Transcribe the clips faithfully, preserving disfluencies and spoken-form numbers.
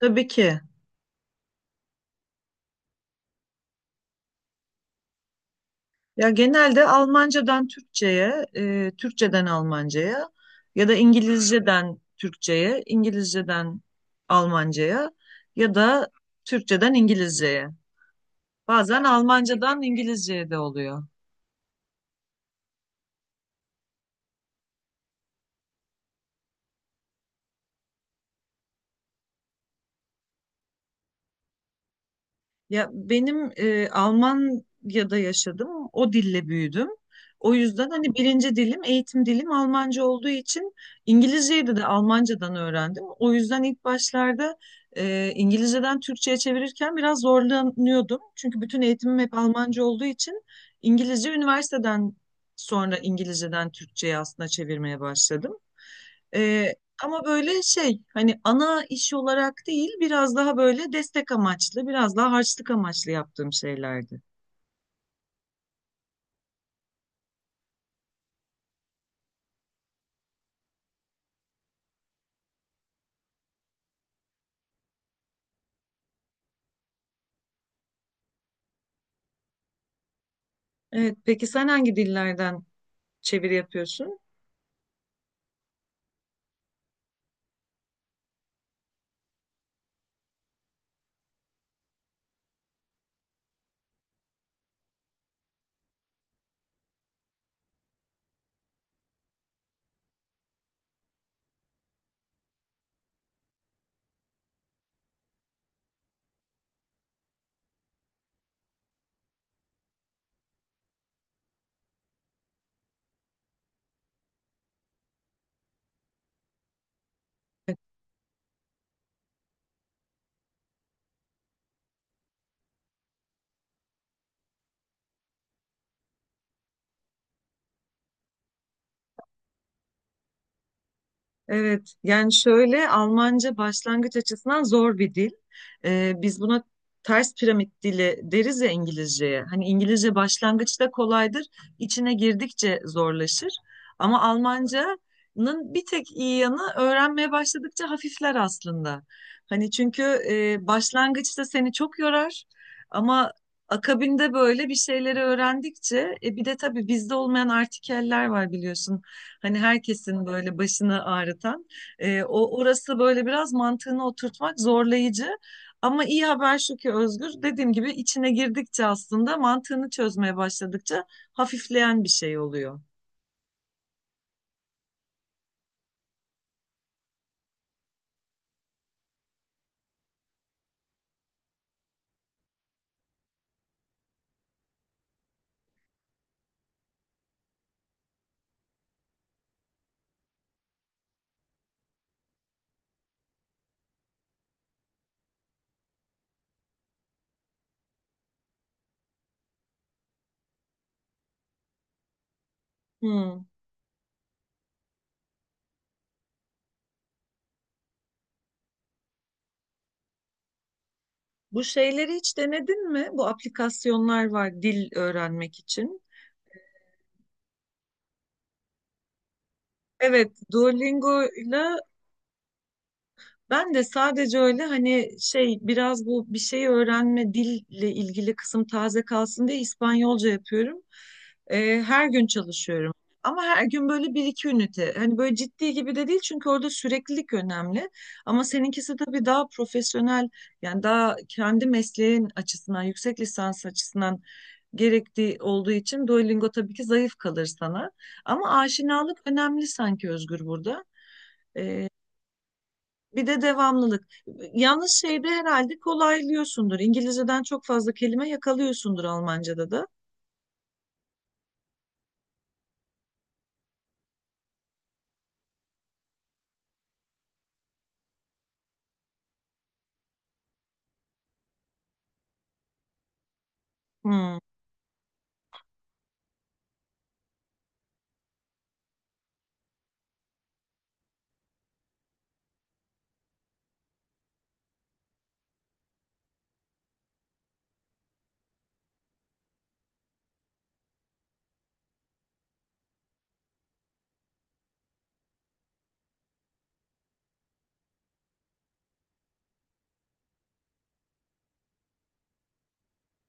Tabii ki. Ya genelde Almancadan Türkçe'ye, e, Türkçeden Almanca'ya ya da İngilizceden Türkçe'ye, İngilizceden Almanca'ya ya da Türkçeden İngilizce'ye. Bazen Almancadan İngilizce'ye de oluyor. Ya benim e, Almanya'da yaşadım. O dille büyüdüm. O yüzden hani birinci dilim, eğitim dilim Almanca olduğu için İngilizceyi de, de Almancadan öğrendim. O yüzden ilk başlarda e, İngilizceden Türkçe'ye çevirirken biraz zorlanıyordum. Çünkü bütün eğitimim hep Almanca olduğu için İngilizce üniversiteden sonra İngilizceden Türkçe'ye aslında çevirmeye başladım. Ee, ama böyle şey hani ana iş olarak değil biraz daha böyle destek amaçlı biraz daha harçlık amaçlı yaptığım şeylerdi. Evet, peki sen hangi dillerden çeviri yapıyorsun? Evet, yani şöyle Almanca başlangıç açısından zor bir dil. Ee, biz buna ters piramit dili deriz ya İngilizceye. Hani İngilizce başlangıçta kolaydır, içine girdikçe zorlaşır. Ama Almanca'nın bir tek iyi yanı öğrenmeye başladıkça hafifler aslında. Hani çünkü e, başlangıçta seni çok yorar ama akabinde böyle bir şeyleri öğrendikçe e, bir de tabii bizde olmayan artikeller var biliyorsun. Hani herkesin böyle başını ağrıtan. E, o orası böyle biraz mantığını oturtmak zorlayıcı. Ama iyi haber şu ki Özgür, dediğim gibi içine girdikçe aslında mantığını çözmeye başladıkça hafifleyen bir şey oluyor. Hmm. Bu şeyleri hiç denedin mi? Bu aplikasyonlar var dil öğrenmek için. Evet, Duolingo'yla ben de sadece öyle hani şey biraz bu bir şey öğrenme dille ilgili kısım taze kalsın diye İspanyolca yapıyorum. Ee, her gün çalışıyorum. Ama her gün böyle bir iki ünite. Hani böyle ciddi gibi de değil çünkü orada süreklilik önemli. Ama seninkisi tabii daha profesyonel, yani daha kendi mesleğin açısından yüksek lisans açısından gerektiği olduğu için Duolingo tabii ki zayıf kalır sana. Ama aşinalık önemli sanki Özgür burada. Bir de devamlılık. Yalnız şeyde herhalde kolaylıyorsundur. İngilizceden çok fazla kelime yakalıyorsundur Almanca'da da. Hmm.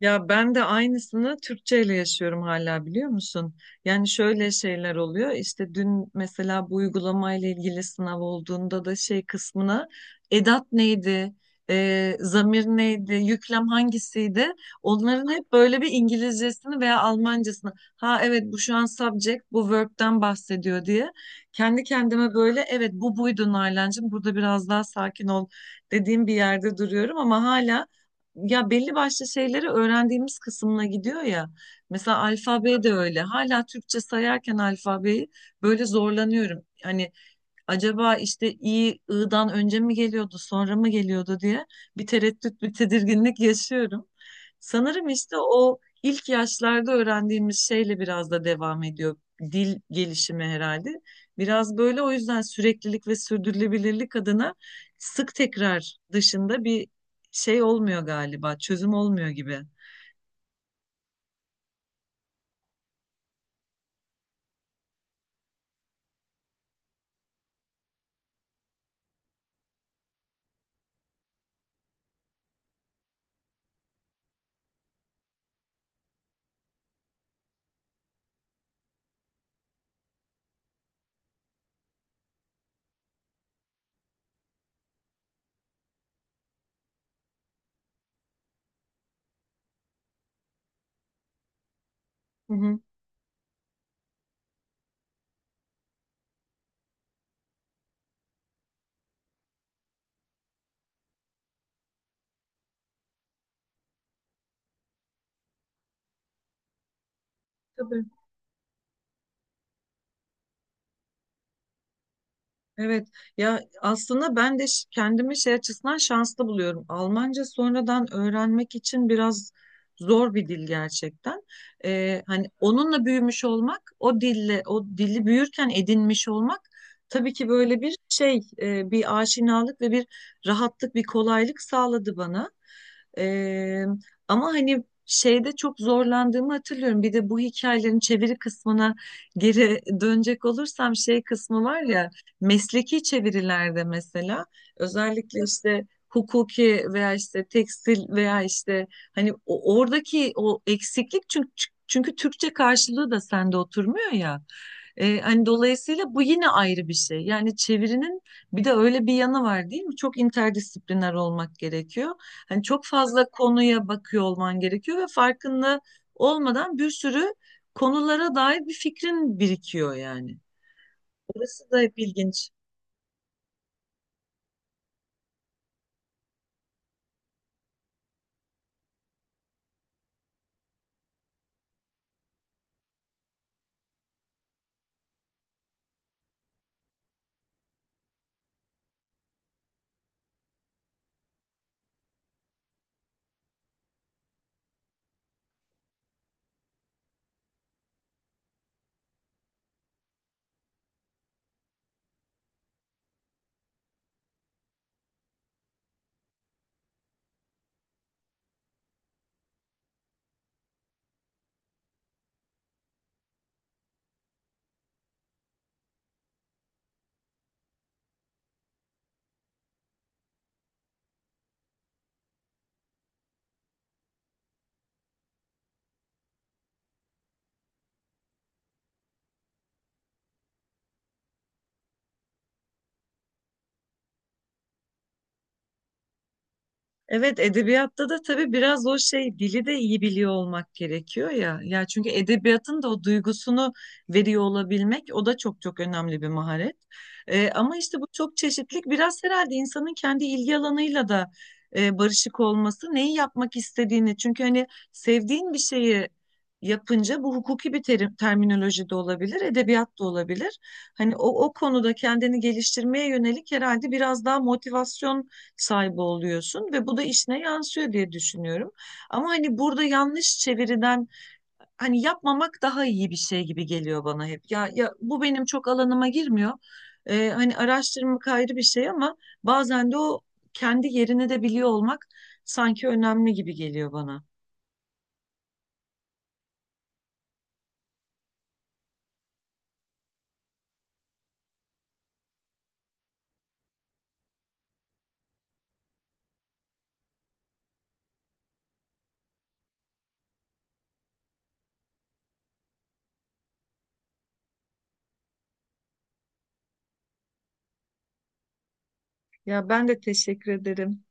Ya ben de aynısını Türkçeyle yaşıyorum hala biliyor musun? Yani şöyle şeyler oluyor. İşte dün mesela bu uygulamayla ilgili sınav olduğunda da şey kısmına edat neydi, e, zamir neydi, yüklem hangisiydi? Onların hep böyle bir İngilizcesini veya Almancasını. Ha evet, bu şu an subject, bu verb'den bahsediyor diye. Kendi kendime böyle evet bu buydu Nalan'cığım burada biraz daha sakin ol dediğim bir yerde duruyorum ama hala ya belli başlı şeyleri öğrendiğimiz kısmına gidiyor ya. Mesela alfabe de öyle. Hala Türkçe sayarken alfabeyi böyle zorlanıyorum. Hani acaba işte i i'dan önce mi geliyordu sonra mı geliyordu diye bir tereddüt bir tedirginlik yaşıyorum. Sanırım işte o ilk yaşlarda öğrendiğimiz şeyle biraz da devam ediyor dil gelişimi herhalde. Biraz böyle o yüzden süreklilik ve sürdürülebilirlik adına sık tekrar dışında bir şey olmuyor galiba, çözüm olmuyor gibi. Hı hı. Tabii. Evet, ya aslında ben de ş- kendimi şey açısından şanslı buluyorum. Almanca sonradan öğrenmek için biraz zor bir dil gerçekten. Ee, hani onunla büyümüş olmak, o dille, o dili büyürken edinmiş olmak tabii ki böyle bir şey, e, bir aşinalık ve bir rahatlık, bir kolaylık sağladı bana. Ee, ama hani şeyde çok zorlandığımı hatırlıyorum. Bir de bu hikayelerin çeviri kısmına geri dönecek olursam şey kısmı var ya. Mesleki çevirilerde mesela özellikle işte hukuki veya işte tekstil veya işte hani o- oradaki o eksiklik çünkü çünkü Türkçe karşılığı da sende oturmuyor ya. Ee, hani dolayısıyla bu yine ayrı bir şey. Yani çevirinin bir de öyle bir yanı var değil mi? Çok interdisipliner olmak gerekiyor. Hani çok fazla konuya bakıyor olman gerekiyor ve farkında olmadan bir sürü konulara dair bir fikrin birikiyor yani. Orası da hep ilginç. Evet, edebiyatta da tabii biraz o şey dili de iyi biliyor olmak gerekiyor ya. Ya çünkü edebiyatın da o duygusunu veriyor olabilmek o da çok çok önemli bir maharet. Ee, ama işte bu çok çeşitlilik biraz herhalde insanın kendi ilgi alanıyla da e, barışık olması, neyi yapmak istediğini. Çünkü hani sevdiğin bir şeyi yapınca bu hukuki bir terim, terminoloji de olabilir, edebiyat da olabilir. Hani o, o konuda kendini geliştirmeye yönelik herhalde biraz daha motivasyon sahibi oluyorsun ve bu da işine yansıyor diye düşünüyorum. Ama hani burada yanlış çeviriden hani yapmamak daha iyi bir şey gibi geliyor bana hep. Ya, ya bu benim çok alanıma girmiyor. Ee, hani araştırmak ayrı bir şey ama bazen de o kendi yerini de biliyor olmak sanki önemli gibi geliyor bana. Ya ben de teşekkür ederim.